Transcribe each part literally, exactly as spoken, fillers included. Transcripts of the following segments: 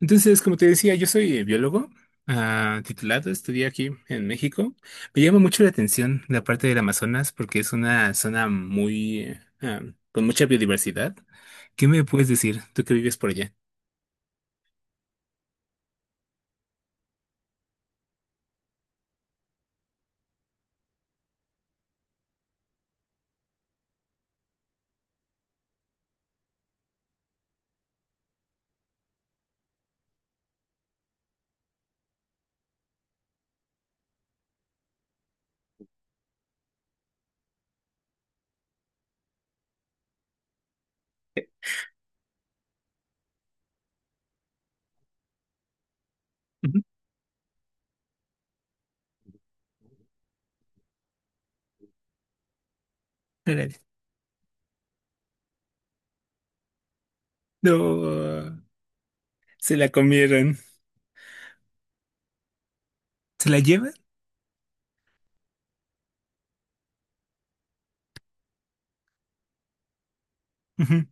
Entonces, como te decía, yo soy eh, biólogo ah, titulado, estudié aquí en México. Me llama mucho la atención la parte del Amazonas porque es una zona muy eh, ah, con mucha biodiversidad. ¿Qué me puedes decir, tú que vives por allá? Ujú. Órale. No, se la comieron. ¿Se la llevan? Ujú.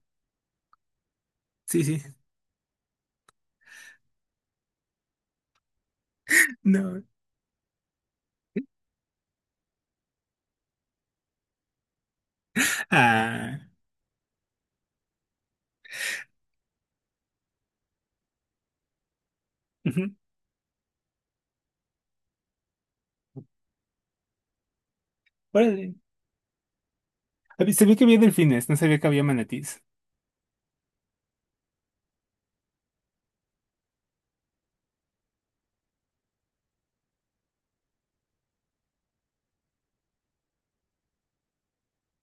Sí, sí. No. Ah. Ujú. Órale. Habí- Sabía que había delfines, no sabía que había manatís.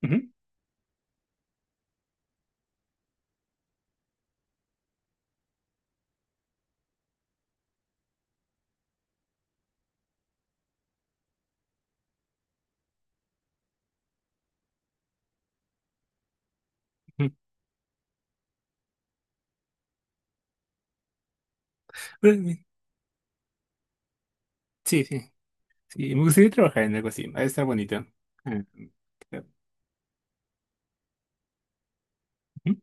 Ujú. Ujú. Órale. Sí, sí. Sí, me gustaría trabajar en algo así. Ha de estar bonito. Ah, claro. Ujú.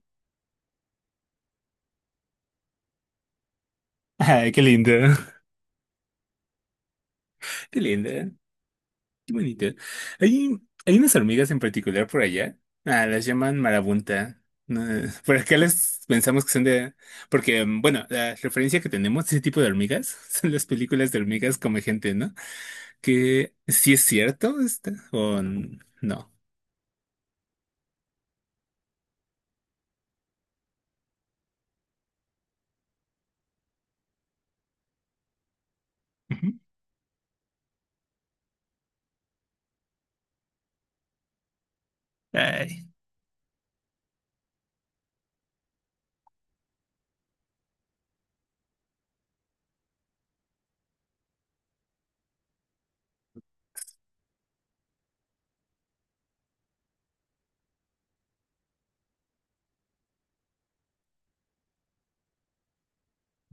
Ay, qué lindo. Qué lindo. Qué bonito. Hay, hay unas hormigas en particular por allá. Ah, las llaman marabunta. No, por acá las pensamos que son de... Porque, mm, bueno, la referencia que tenemos de ese tipo de hormigas son las películas de hormigas come gente, ¿no? Que sí es cierto esta, o n- no. Ujú. Ay.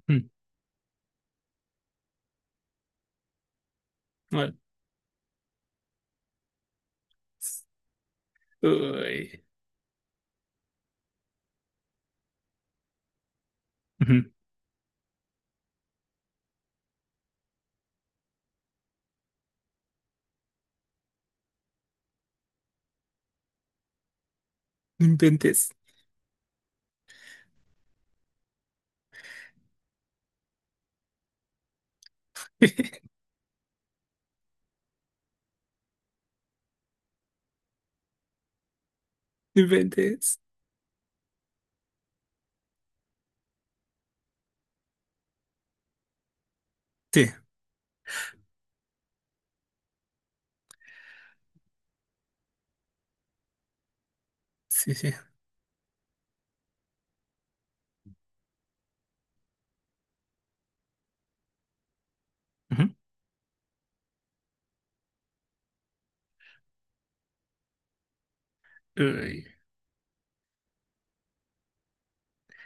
Mm. No. Uy. Ujú. ¡No inventes! ¡No inventes! Sí, sí, sí. Ujú. Uy.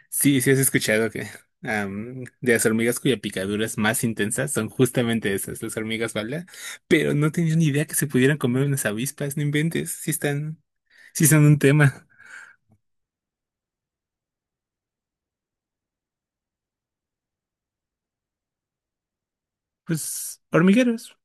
Sí, sí, has escuchado que am, de las hormigas cuya picadura es más intensa son justamente esas, las hormigas bala, pero no tenía ni idea que se pudieran comer unas avispas, no inventes, sí están, sí son un tema. Pues hormigueros.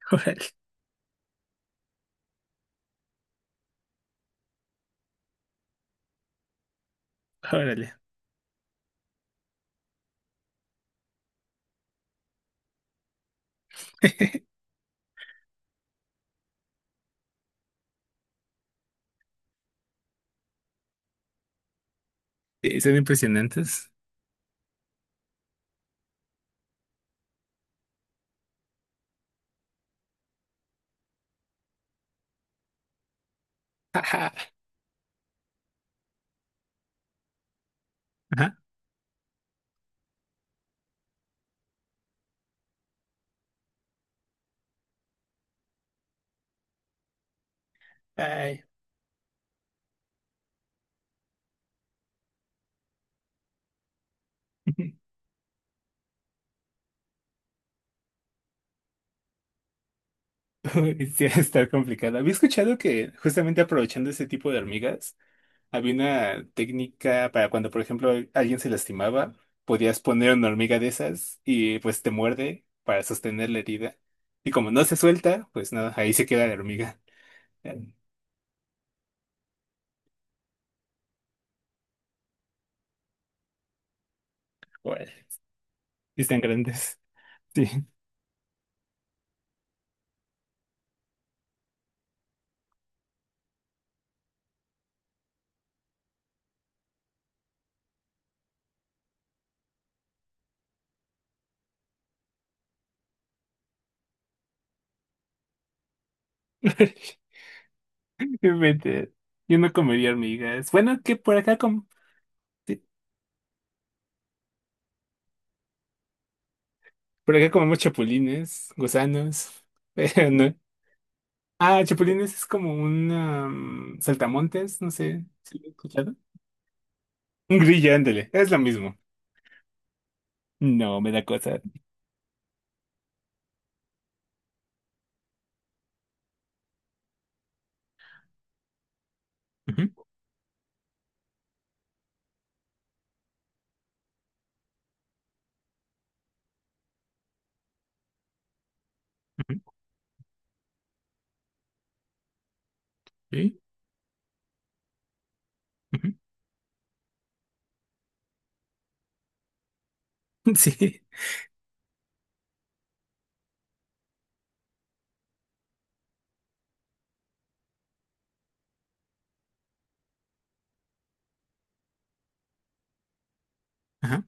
Órale, órale. Sí, son impresionantes. Ajá. Ajá. Ay. Uy, sí, va a estar complicado. Había escuchado que justamente aprovechando ese tipo de hormigas, había una técnica para cuando, por ejemplo, alguien se lastimaba, podías poner una hormiga de esas y pues te muerde para sostener la herida. Y como no se suelta, pues nada, ahí se queda la hormiga. Eh, Órale. Y están grandes. Sí. Qué mente. Yo no comería hormigas. Bueno, que por acá com sí, por acá comemos chapulines, gusanos. Pero no. Ah, chapulines es como un um, saltamontes, no sé. ¿Si lo he escuchado? Un grillo, ándale. Es lo mismo. No, me da cosa. Ujú, ujú, sí, ujú. Sí. Ajá,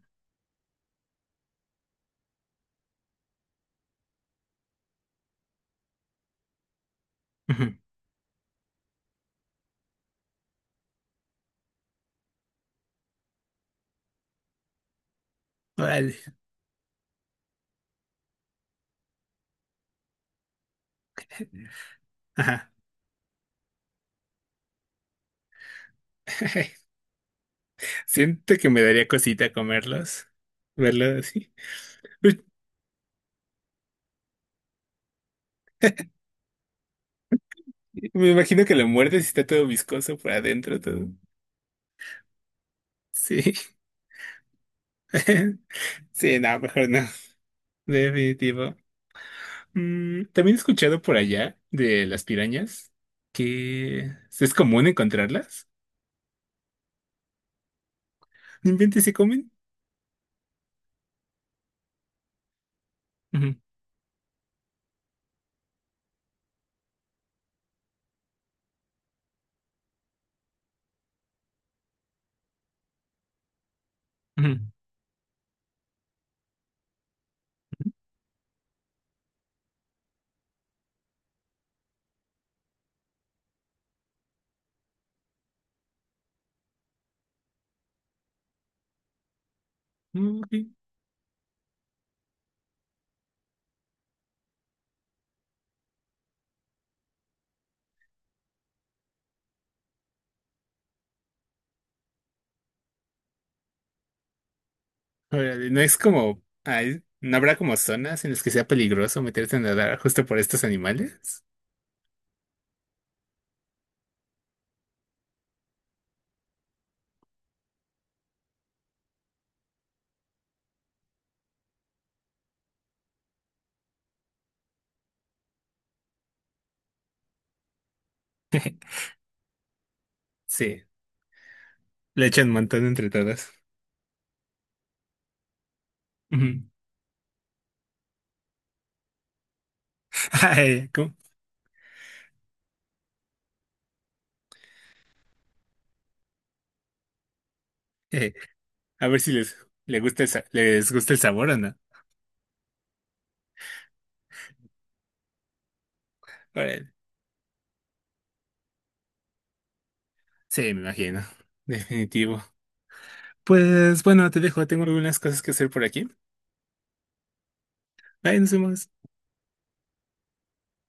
ujú. Vale. Ajá. Siento que me daría cosita comerlos. Verlo así. Uy, me imagino que lo muerdes y está todo viscoso por adentro, todo. Sí. Sí, no, mejor no. Definitivo. Mm, también he escuchado por allá de las pirañas que es común encontrarlas. ¡No inventes! ¿Se comen? Ujú, ujú. Mm, ok. Órale. No es como, ay, no habrá como zonas en las que sea peligroso meterte a nadar justo por estos animales. Sí, le echan un montón entre todas. Ujú. Ay, ¿cómo? Eh, a ver si les, le gusta el, sa- les gusta el sabor o no. Órale. Sí, me imagino. Definitivo. Pues bueno, te dejo. Tengo algunas cosas que hacer por aquí. Bye, nos vemos.